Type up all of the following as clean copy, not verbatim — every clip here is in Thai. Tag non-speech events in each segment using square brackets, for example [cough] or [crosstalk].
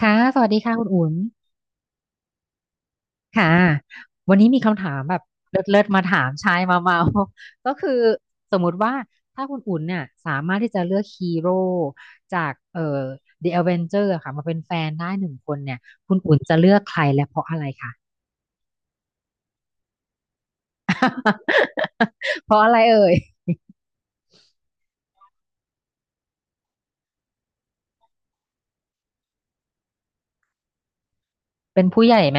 ค่ะ สวัสดีค่ะคุณอุ่นค่ะ วันนี้มีคำถามแบบเลิศๆมาถามชายมาเมา [laughs] ก็คือสมมุติว่าถ้าคุณอุ่นเนี่ยสามารถที่จะเลือกฮีโร่จากThe Avenger อะค่ะมาเป็นแฟนได้หนึ่งคนเนี่ยคุณอุ่นจะเลือกใครและเพราะอะไรคะ [laughs] เพราะอะไรเอ่ย เป็นผู้ใหญ่ไหม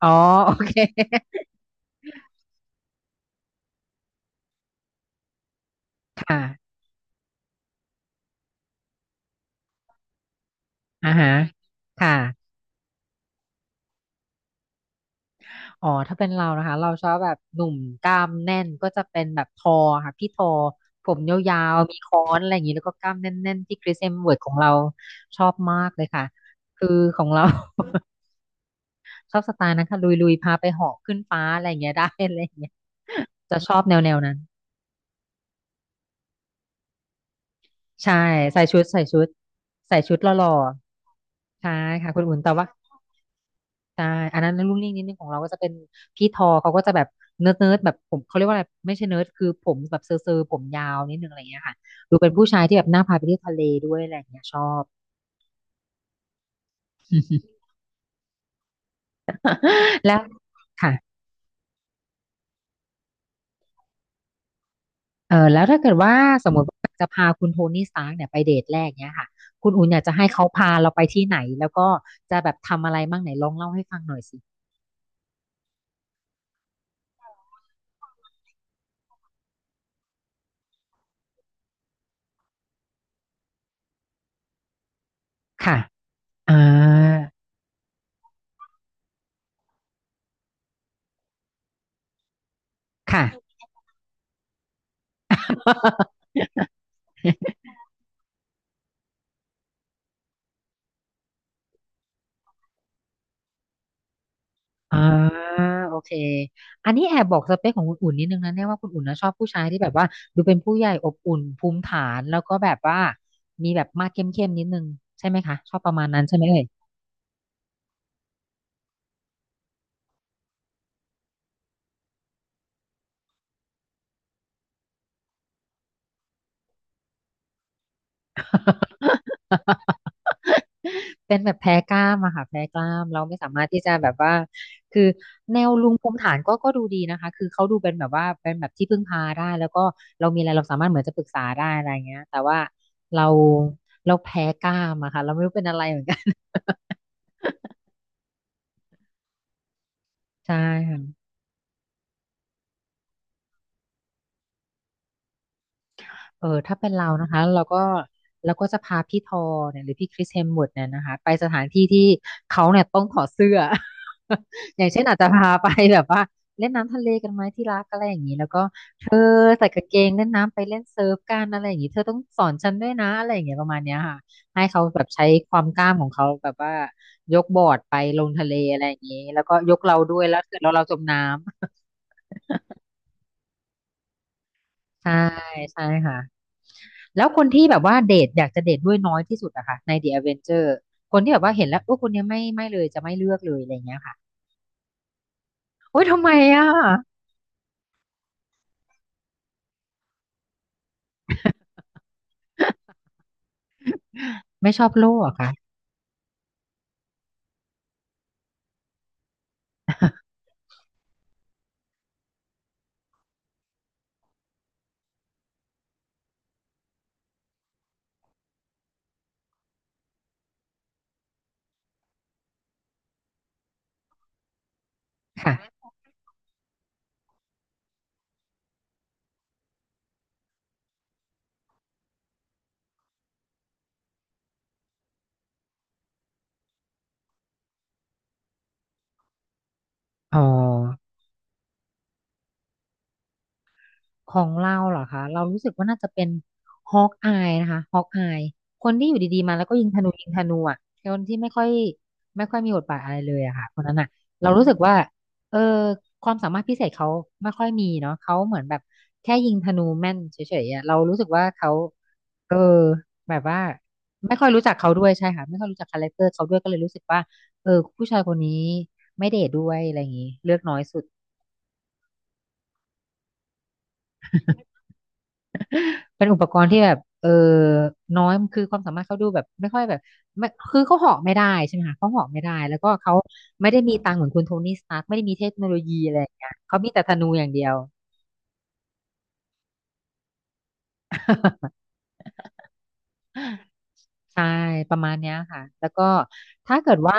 อ๋อ โอเค ค่ะอ่าฮะค่ะ อ๋อถ้าเป็นเรานะคะเราชอบแบบหนุ่มกล้ามแน่นก็จะเป็นแบบทอค่ะพี่ทอผมยาวๆมีค้อนอะไรอย่างนี้แล้วก็กล้ามแน่นๆที่คริสเอ็มเวิร์ดของเราชอบมากเลยค่ะคือของเรา [laughs] ชอบสไตล์นั้นค่ะลุยๆพาไปเหาะขึ้นฟ้าอะไรอย่างเงี้ยได้อะไรอย่างเงี้ยจะชอบแนวๆนั้นใช่ใส่ชุดใส่ชุดหล่อๆใช่ค่ะคุณอุ่นแต่ว่า ใช่อันนั้นรุ่นนิ่งนิดนึงของเราก็จะเป็นพี่ทอเขาก็จะแบบเนิร์ดแบบผมเขาเรียกว่าอะไรไม่ใช่เนิร์ดคือผมแบบเซอร์ผมยาวนิดนึงอะไรอย่างเงี้ยค่ะดูเป็นผู้ชายที่แบบน่าพาไปเที่ยวทะเลด้วยอะไรอย่างเงี้ยชอบ [laughs] แล้วค่ะเออแล้วถ้าเกิดว่าสมมติว่าจะพาคุณโทนี่สตาร์กเนี่ยไปเดทแรกเนี้ยค่ะคุณอุ่นอยากจะให้เขาพาเราไปที่ไหนแล้วก็จะแบบทำอะไรบ้างไหนลองเล่าให้ฟังหน่อยสิค่ะอ่าค่ะ [laughs] อ่าโอเคอันนี้แอบบอกสเปคของคุณอุ่นนิดนึงนะเนี่ยว่าคุณอุ่นนะชอบผู้ชายที่แบบว่าดูเป็นผู้ใหญ่อบอุ่นภูมิฐานแล้วก็แบบว่ามีแบบมาดเข้มๆนิดนึงใช่ไหมคะชอบประมาณนั้นใช่ไหมเอ่ย [laughs] เป็นแบบแพ้กล้ามอะค่ะแพ้กล้ามเราไม่สามารถที่จะแบบว่าคือแนวลุงภูมิฐานก็ดูดีนะคะคือเขาดูเป็นแบบว่าเป็นแบบที่พึ่งพาได้แล้วก็เรามีอะไรเราสามารถเหมือนจะปรึกษาได้อะไรเงี้ยแต่ว่าเราเราแพ้กล้ามอะค่ะเราไม่รู้เป็นอะไรเหมือนกัน [laughs] ใช่ เออถ้าเป็นเรานะคะเราก็จะพาพี่ทอเนี่ยหรือพี่คริสเฮมส์เวิร์ธเนี่ยนะคะไปสถานที่ที่เขาเนี่ยต้องถอดเสื้อ [laughs] อย่างเช่นอาจจะพาไปแบบว่าเล่นน้ำทะเลกันไหมที่รักอะไรอย่างนี้แล้วก็เธอใส่กางเกงเล่นน้ำไปเล่นเซิร์ฟกันอะไรอย่างนี้เธอต้องสอนฉันด้วยนะอะไรอย่างเงี้ยประมาณเนี้ยค่ะให้เขาแบบใช้ความกล้ามของเขาแบบว่ายกบอร์ดไปลงทะเลอะไรอย่างนี้แล้วก็ยกเราด้วยแล้วเสร็จแล้วเราจมน้ำใช่ใช่ค่ะ แล้วคนที่แบบว่าเดทอยากจะเดทด้วยน้อยที่สุดอะค่ะใน The Avenger คนที่แบบว่าเห็นแล้วโอ้คนเนี้ยไม่เลยจะไม่เลือกเลยอะไรเงี้ยค่ะโอ้ยทำไมอะไม่ชอบโลกหรอะคะค่ะอ๋อ ของเราเหรอคะเรารู้สึกว่าน่าจะเป็นฮอกอายนะคะฮอกอายคนที่อยู่ดีๆมาแล้วก็ยิงธนูอ่ะคนที่ไม่ค่อยมีบทบาทอะไรเลยอะค่ะคนนั้นอ่ะเรารู้สึกว่าเออความสามารถพิเศษเขาไม่ค่อยมีเนาะเขาเหมือนแบบแค่ยิงธนูแม่นเฉยๆอะเรารู้สึกว่าเขาเออแบบว่าไม่ค่อยรู้จักเขาด้วยใช่ค่ะไม่ค่อยรู้จักคาแรคเตอร์เขาด้วยก็เลยรู้สึกว่าเออผู้ชายคนนี้ไม่เดทด้วยอะไรอย่างงี้เลือกน้อยสุด เป็นอุปกรณ์ที่แบบ เออน้อย คือความสามารถเขาดูแบบไม่ค่อยแบบไม่คือเขาเหาะไม่ได้ใช่ไหมคะเขาเหาะไม่ได้แล้วก็เขาไม่ได้มีตังค์เหมือนคุณโทนี่สตาร์กไม่ได้มีเทคโนโลยีอะไรอย่างเงี้ยเขามีแต่ธนูอย่างเดียว [laughs] ใช่ ประมาณเนี้ยค่ะ แล้วก็ถ้าเกิดว่า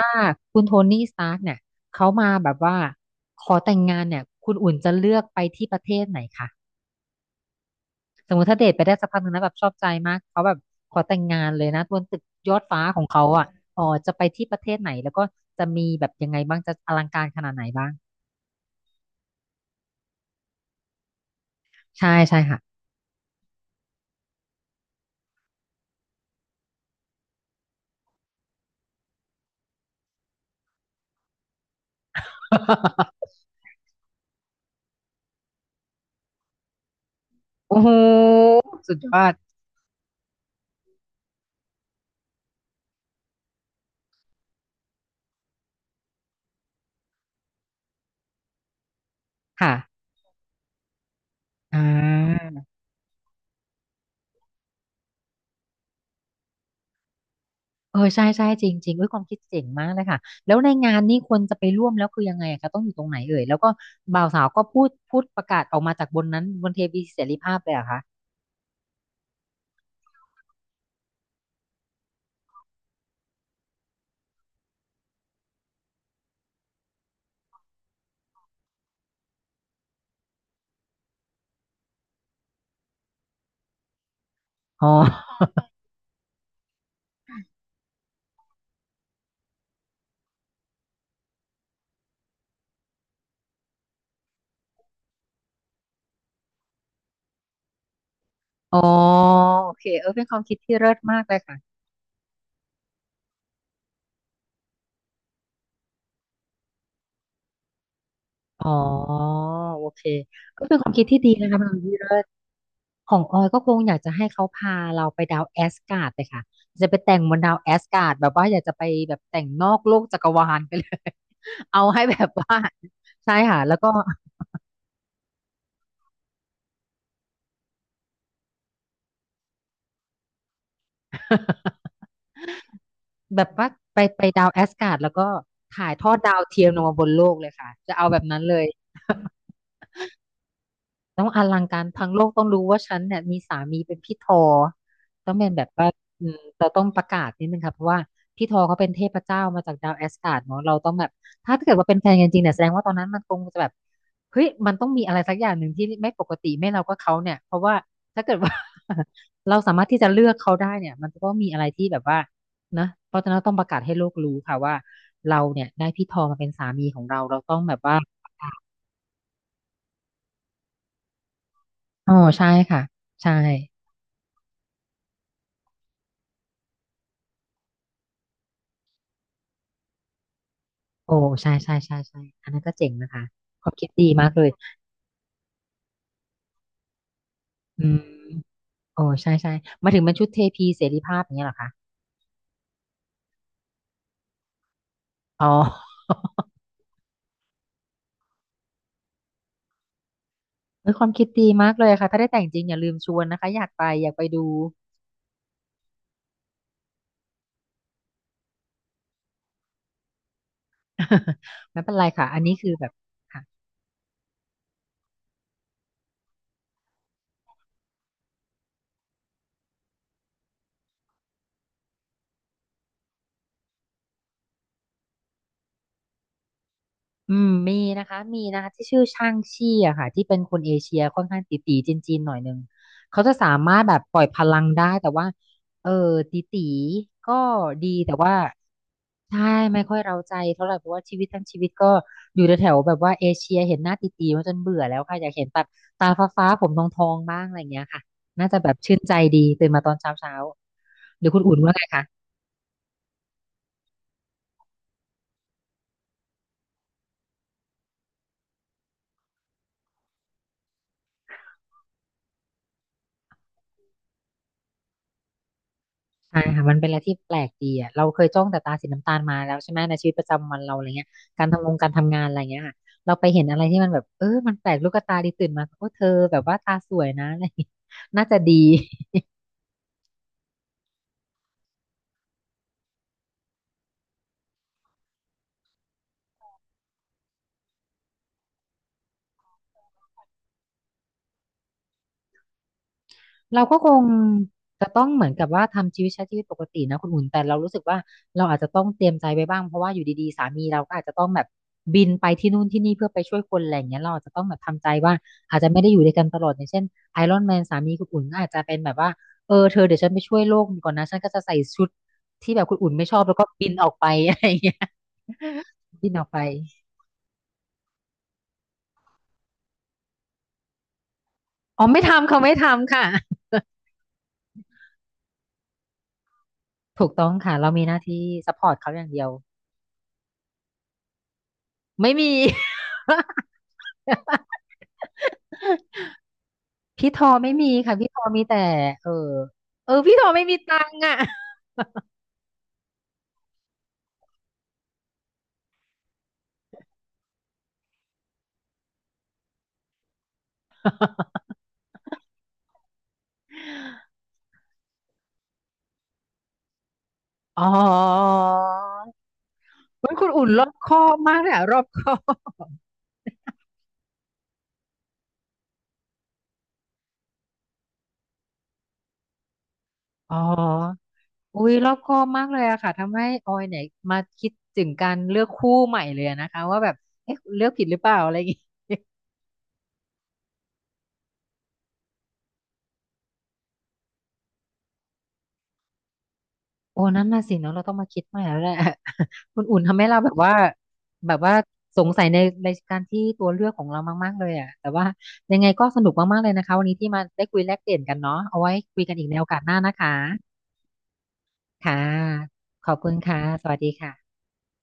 คุณโทนี่สตาร์กเนี่ยเขามาแบบว่าขอแต่งงานเนี่ย คุณอุ่นจะเลือกไปที่ประเทศไหนคะ สมมติถ้าเดทไปได้สักพักหนึ่งนะแบบชอบใจมากเขาแบบขอแต่งงานเลยนะบนตึกยอดฟ้าของเขาอ่ะอ๋อจะไปที่ประเทศไหนแล้วก็จะมีแบบยังไงบ้างจะอลังการขนาดไหนบ้างใช่ใช่ค่ะ [laughs] โอ้โหสุดยอดค่ะอ่าเออใช่ใช่จริงจริงเอ้ยความคิดเจ๋งมากเลยค่ะแล้วในงานนี่ควรจะไปร่วมแล้วคือยังไงอะคะต้องอยู่ตรงไหนเอ่ยแล้วก็บ่าวสาวก็พูดประกาศออกมาจากบนนั้นบนเทวีเสรีภาพเลยเหรอะคะอ๋ออ๋อโอเคเออเป็นความคิดที่เลิศมากเลยค่ะ อ๋อโอเคก็เป็นความคิดที่ดีนะคะเป็นความคิดที่เลิศของออยก็คงอยากจะให้เขาพาเราไปดาวแอสการ์ดเลยค่ะจะไปแต่งบนดาวแอสการ์ดแบบว่าอยากจะไปแบบแต่งนอกโลกจักรวาลไปเลย [laughs] เอาให้แบบว่าใช่ค่ะแล้วก็ [laughs] แบบว่าไปดาวแอสการ์ดแล้วก็ถ่ายทอดดาวเทียมลงมาบนโลกเลยค่ะจะเอาแบบนั้นเลย [laughs] ต้องอลังการทั้งโลกต้องรู้ว่าฉันเนี่ยมีสามีเป็นพี่ทอต้องเป็นแบบว่าอืมเราต้องประกาศนิดนึงค่ะเพราะว่าพี่ทอเขาเป็นเทพเจ้ามาจากดาวแอสการ์ดเนาะเราต้องแบบถ้าเกิดว่าเป็นแฟนกันจริงเนี่ยแสดงว่าตอนนั้นมันคงจะแบบเฮ้ยมันต้องมีอะไรสักอย่างหนึ่งที่ไม่ปกติไม่เราก็เขาเนี่ยเพราะว่าถ้าเกิดว่า [laughs] เราสามารถที่จะเลือกเขาได้เนี่ยมันก็ต้องมีอะไรที่แบบว่านะเพราะฉะนั้นต้องประกาศให้โลกรู้ค่ะว่าเราเนี่ยได้พี่ทอมาเป็นสามีของเราเราต้องแบบว่าอ๋อใช่ค่ะใช่ โอ้ใช่ใช่ใช่ใช่อันนั้นก็เจ๋งนะคะความคิดดีมากเลยอืมโอ้ใช่ใช่มาถึงเป็นชุดเทพีเสรีภาพอย่างเงี้ยเหรอคะอ๋อ [laughs] เฮ้ยความคิดดีมากเลยค่ะถ้าได้แต่งจริงอย่าลืมชวนนะคะอยากไปอยากไปดู [laughs] ไม่เป็นไรค่ะอันนี้คือแบบค่ะ อืมมีนะคะมีนะคะที่ชื่อช่างชี่อะค่ะที่เป็นคนเอเชียค่อนข้างตี๋ๆจีนๆหน่อยนึงเขาจะสามารถแบบปล่อยพลังได้แต่ว่าเออตี๋ๆก็ดีแต่ว่าใช่ไม่ค่อยเร้าใจเท่าไหร่เพราะว่าชีวิตทั้งชีวิตก็อยู่แถวๆแบบว่าเอเชียเห็นหน้าตี๋ๆมาจนเบื่อแล้วค่ะอยากเห็นแบบตาฟ้าๆผมทองๆบ้างอะไรอย่างเงี้ยค่ะน่าจะแบบชื่นใจดีตื่นมาตอนเช้าๆหรือคุณอุ่นว่าไงคะ ใช่ค่ะมันเป็นอะไรที่แปลกดีอ่ะเราเคยจ้องแต่ตาสีน้ำตาลมาแล้วใช่ไหมในชีวิตประจำวันเราอะไรเงี้ยการทำงานอะไรเงี้ยค่ะเราไปเห็นอะไรที่มันแบบเออมันแปลกลูกตาดีตื่นมาโอ้เธอแบบว่าตาสวยนะอะไรเงี้ยน่าจะดี เราก็คงจะต้องเหมือนกับว่าทำชีวิตใช้ชีวิตปกตินะคุณอุ่นแต่เรารู้สึกว่าเราอาจจะต้องเตรียมใจไว้บ้างเพราะว่าอยู่ดีๆสามีเราก็อาจจะต้องแบบบินไปที่นู่นที่นี่เพื่อไปช่วยคนอะไรอย่างเงี้ยเราอาจจะต้องแบบทำใจว่าอาจจะไม่ได้อยู่ด้วยกันตลอดอย่างเช่นไอรอนแมนสามีคุณอุ่นก็อาจจะเป็นแบบว่าเออเธอเดี๋ยวฉันไปช่วยโลกก่อนนะฉันก็จะใส่ชุดที่แบบคุณอุ่นไม่ชอบแล้วก็บินออกไปอะไรอย่างเงี้ยบินออกไปอ๋อไม่ทำเขาไม่ทำค่ะถูกต้องค่ะเรามีหน้าที่ซัพพอร์ตเขาอย่างเดียวไม่มี พี่ทอไม่มีค่ะพี่ทอมีแต่เออเออพี่ทอไม่มีตังค์อ่ะ [laughs] อ๋อเฮ้คุณอุ่นรอบคอบมากเลยอะรอบคอบอ๋ออุ้ยรอบคอบมากเลยอะค่ะทำให้ออยเนี่ยมาคิดถึงการเลือกคู่ใหม่เลยอะนะคะว่าแบบเอ๊ะเลือกผิดหรือเปล่าอะไรอย่างงี้ โอ้นั่นน่ะสิเนาะเราต้องมาคิดใหม่แล้วแหละ [laughs] คุณอุ่นทำให้เราแบบว่าแบบว่าสงสัยในรายการที่ตัวเลือกของเรามากๆเลยอ่ะแต่ว่ายังไงก็สนุกมากๆเลยนะคะวันนี้ที่มาได้คุยแลกเปลี่ยนกันเนาะเอาไว้คุยกันอีกในโอกาสหน้านะคะค่ะขอบคุณค่ะสวัสดีค่ะ